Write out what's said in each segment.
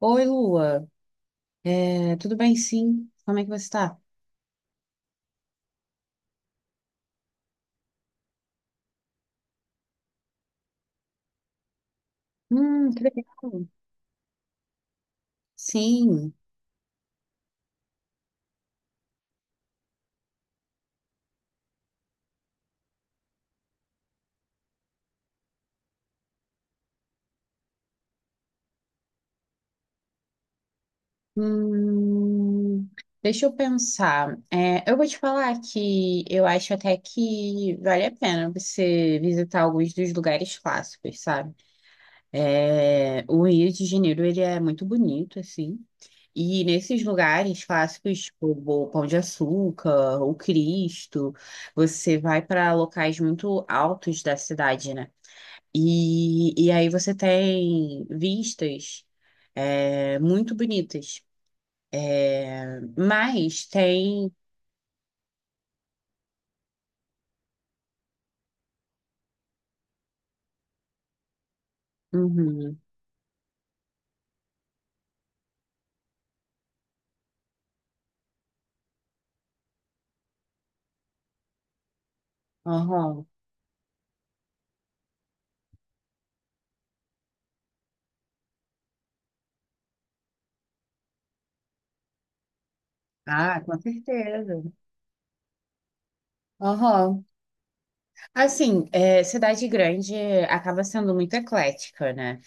Oi, Lua. É, tudo bem, sim? Como é que você está? Que legal. Sim. Hum, Deixa eu pensar. É, eu vou te falar que eu acho até que vale a pena você visitar alguns dos lugares clássicos, sabe? É, o Rio de Janeiro, ele é muito bonito, assim. E nesses lugares clássicos, tipo o Pão de Açúcar, o Cristo, você vai para locais muito altos da cidade, né? E aí você tem vistas muito bonitas, mas tem. Uhum, aham. Ah, com certeza. Aham. Assim, cidade grande acaba sendo muito eclética, né?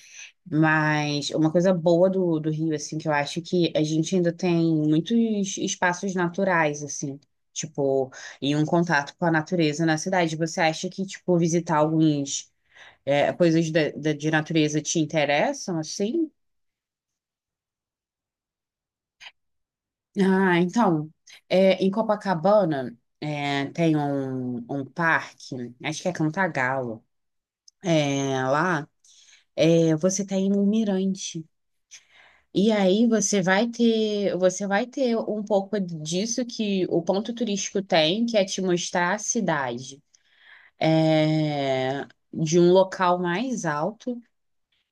Mas uma coisa boa do Rio, assim, que eu acho que a gente ainda tem muitos espaços naturais, assim. Tipo, e um contato com a natureza na cidade. Você acha que, tipo, coisas de natureza te interessam, assim? Ah, então, em Copacabana tem um, parque, acho que é Cantagalo, lá você tem um mirante. E aí você vai ter um pouco disso que o ponto turístico tem, que é te mostrar a cidade é, de um local mais alto.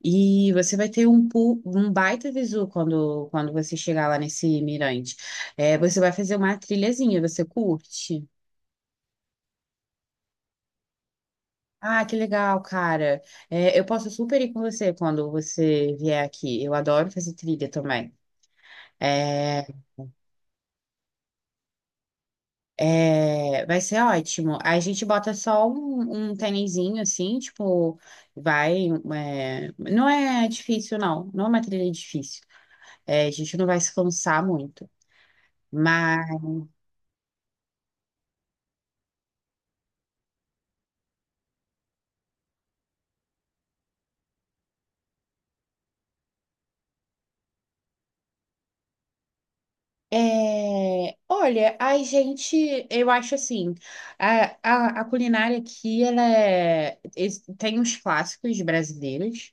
E você vai ter um baita visu quando você chegar lá nesse mirante. É, você vai fazer uma trilhazinha, você curte? Ah, que legal, cara. É, eu posso super ir com você quando você vier aqui. Eu adoro fazer trilha também. É, Vai ser ótimo. A gente bota só um tênisinho assim, tipo, vai. Não é difícil, não. Não é uma trilha difícil. É, a gente não vai se cansar muito. Mas. É, olha, a gente, eu acho assim, a culinária aqui, ela tem uns clássicos brasileiros,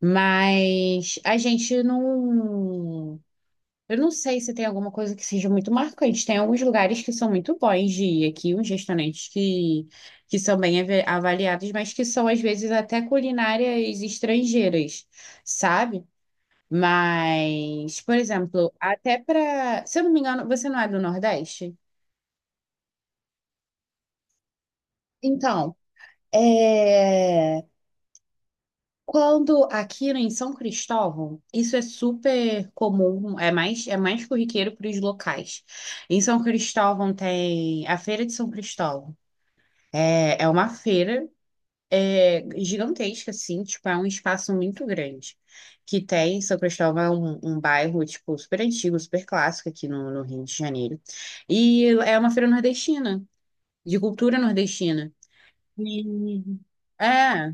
mas a gente não, eu não sei se tem alguma coisa que seja muito marcante. Tem alguns lugares que são muito bons de ir aqui, uns restaurantes que são bem avaliados, mas que são às vezes até culinárias estrangeiras, sabe? Mas, por exemplo, até para, se eu não me engano, você não é do Nordeste? Então, é, quando aqui em São Cristóvão, isso é super comum, é mais corriqueiro para os locais. Em São Cristóvão tem a Feira de São Cristóvão. É uma feira gigantesca, assim, tipo, é um espaço muito grande. Que tem, São Cristóvão é um bairro, tipo, super antigo, super clássico aqui no Rio de Janeiro. E é uma feira nordestina, de cultura nordestina. E- é,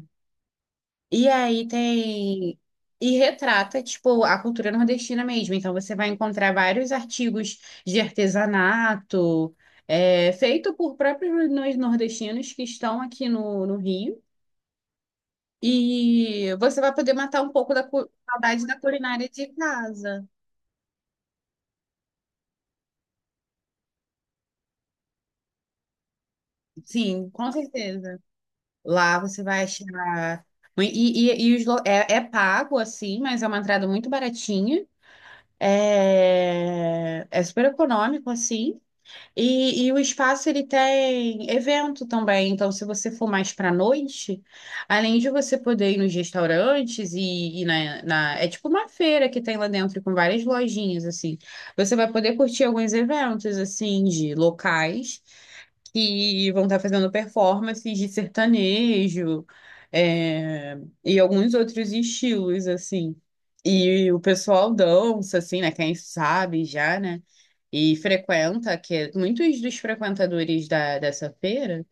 e aí tem. E retrata, tipo, a cultura nordestina mesmo. Então você vai encontrar vários artigos de artesanato, feito por próprios nordestinos que estão aqui no Rio. E você vai poder matar um pouco da saudade da culinária de casa. Sim, com certeza. Lá você vai achar. E, e é pago, assim, mas é uma entrada muito baratinha. É super econômico, assim. E o espaço ele tem evento também, então se você for mais para noite, além de você poder ir nos restaurantes e é tipo uma feira que tem lá dentro com várias lojinhas assim, você vai poder curtir alguns eventos assim de locais que vão estar fazendo performances de sertanejo, é, e alguns outros estilos, assim. E o pessoal dança, assim, né? Quem sabe já, né? E frequenta, muitos dos frequentadores dessa feira,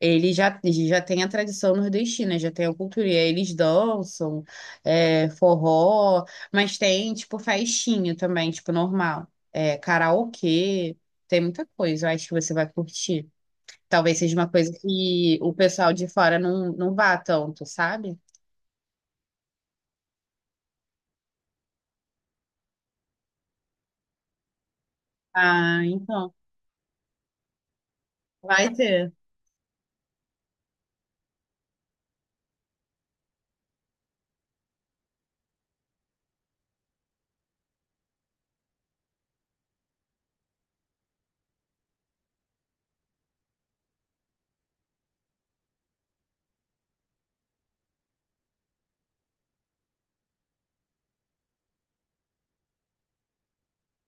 eles já têm a tradição nordestina, já tem a cultura, e aí eles dançam, forró, mas tem, tipo, festinha também, tipo, normal. É, karaokê, tem muita coisa, eu acho que você vai curtir. Talvez seja uma coisa que o pessoal de fora não vá tanto, sabe? Ah, então, vai ter.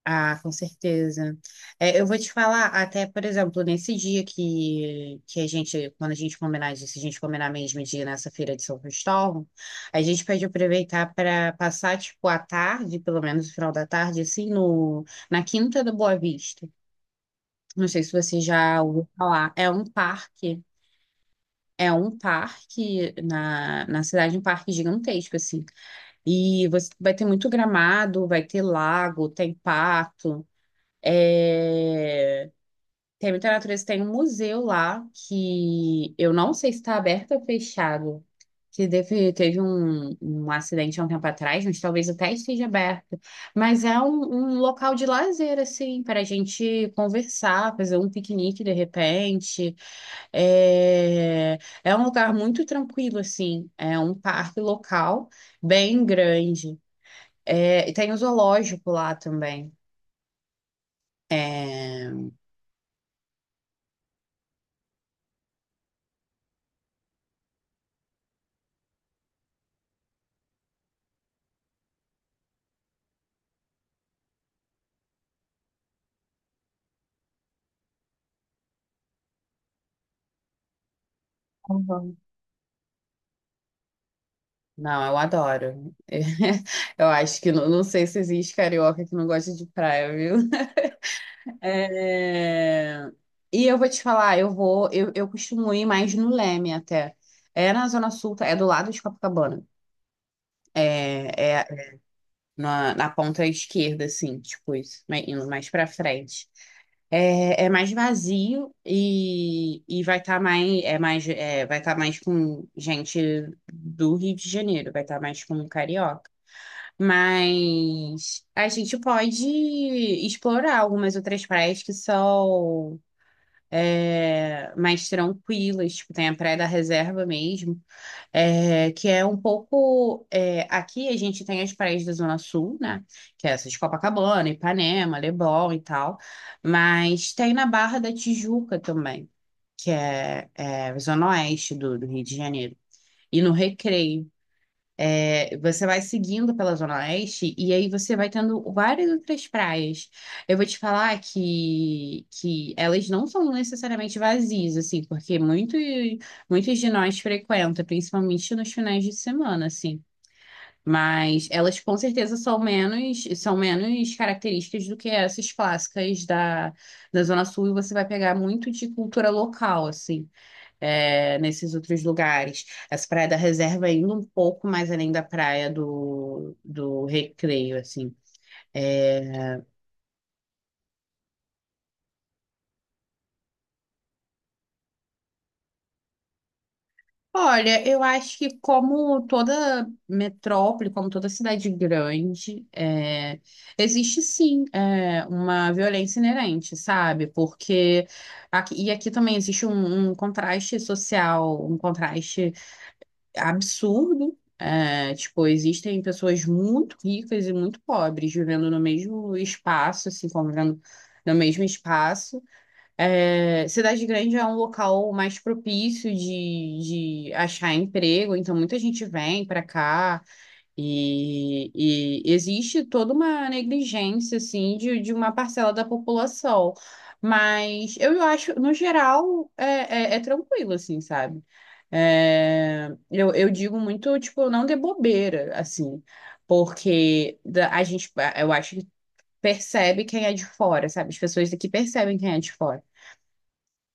Ah, com certeza. É, eu vou te falar, até, por exemplo, nesse dia que a gente, quando a gente combinar disso, a gente combinar mesmo de ir nessa feira de São Cristóvão, a gente pode aproveitar para passar, tipo, a tarde, pelo menos o final da tarde, assim, no, na Quinta da Boa Vista. Não sei se você já ouviu falar. É um parque na cidade, um parque gigantesco, assim. E você vai ter muito gramado, vai ter lago, tem pato, é, tem muita natureza, tem um museu lá que eu não sei se está aberto ou fechado. Que teve um acidente há um tempo atrás, mas talvez até esteja aberto. Mas é um local de lazer, assim, para a gente conversar, fazer um piquenique de repente. É, é um lugar muito tranquilo, assim. É um parque local bem grande. É, e tem o zoológico lá também. É, Uhum. Não, eu adoro. Eu acho que não, não sei se existe carioca que não gosta de praia, viu? É, e eu vou te falar, eu costumo ir mais no Leme até. É na Zona Sul, tá? É do lado de Copacabana. É na ponta esquerda, assim, tipo isso, indo mais pra frente. É mais vazio e vai estar mais, é mais, vai tá mais com gente do Rio de Janeiro, vai estar mais com carioca. Mas a gente pode explorar algumas outras praias que são mais tranquilas, tipo, tem a Praia da Reserva mesmo, que é um pouco. Aqui a gente tem as praias da Zona Sul, né? Que é essa de Copacabana, Ipanema, Leblon e tal, mas tem na Barra da Tijuca também, que é a Zona Oeste do Rio de Janeiro. E no Recreio. É, você vai seguindo pela Zona Oeste e aí você vai tendo várias outras praias. Eu vou te falar que elas não são necessariamente vazias, assim, porque muitos de nós frequentam, principalmente nos finais de semana, assim. Mas elas com certeza são menos características do que essas clássicas da Zona Sul e você vai pegar muito de cultura local, assim nesses outros lugares. Essa praia da reserva é indo um pouco mais além da praia do Recreio, assim. É, olha, eu acho que como toda metrópole, como toda cidade grande, existe sim uma violência inerente, sabe? Porque aqui também existe um contraste social, um contraste absurdo. É, tipo, existem pessoas muito ricas e muito pobres vivendo no mesmo espaço, assim, convivendo no mesmo espaço. É, cidade grande é um local mais propício de achar emprego, então muita gente vem para cá. E, e existe toda uma negligência, assim, de uma parcela da população. Mas eu acho, no geral, é tranquilo, assim, sabe? É, eu digo muito, tipo, não dê bobeira, assim, porque a gente, eu acho que percebe quem é de fora, sabe? As pessoas daqui percebem quem é de fora.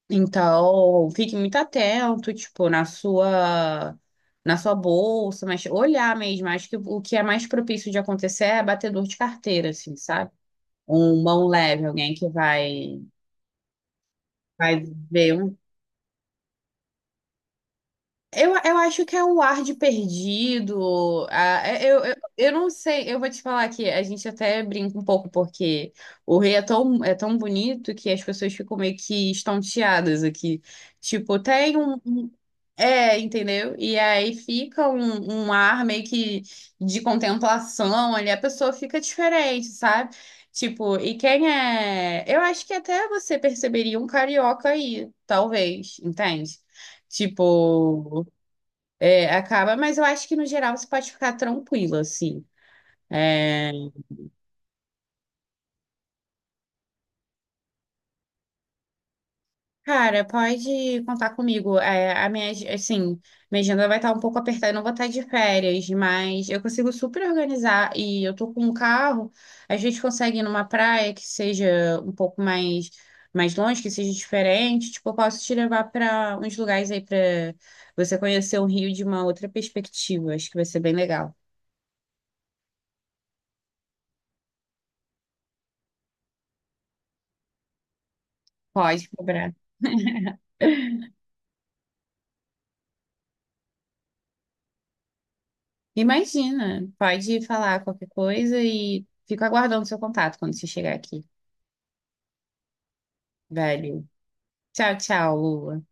Então, fique muito atento, tipo, na sua bolsa, mas olhar mesmo, acho que o que é mais propício de acontecer é batedor de carteira, assim, sabe? Um mão leve, alguém que vai ver um. Eu acho que é um ar de perdido. Eu não sei, eu vou te falar que a gente até brinca um pouco, porque o Rio é tão bonito que as pessoas ficam meio que estonteadas aqui. Tipo, tem um. Entendeu? E aí fica um ar meio que de contemplação ali, a pessoa fica diferente, sabe? Tipo, e quem é. Eu acho que até você perceberia um carioca aí, talvez, entende? Tipo, acaba, mas eu acho que no geral você pode ficar tranquila, assim. É, cara, pode contar comigo. É, assim, minha agenda vai estar um pouco apertada, eu não vou estar de férias, mas eu consigo super organizar e eu tô com um carro, a gente consegue ir numa praia que seja um pouco mais longe, que seja diferente. Tipo, eu posso te levar para uns lugares aí para você conhecer o Rio de uma outra perspectiva. Acho que vai ser bem legal. Pode cobrar. Imagina, pode falar qualquer coisa e fico aguardando seu contato quando você chegar aqui. Velho. Tchau, tchau, Lua.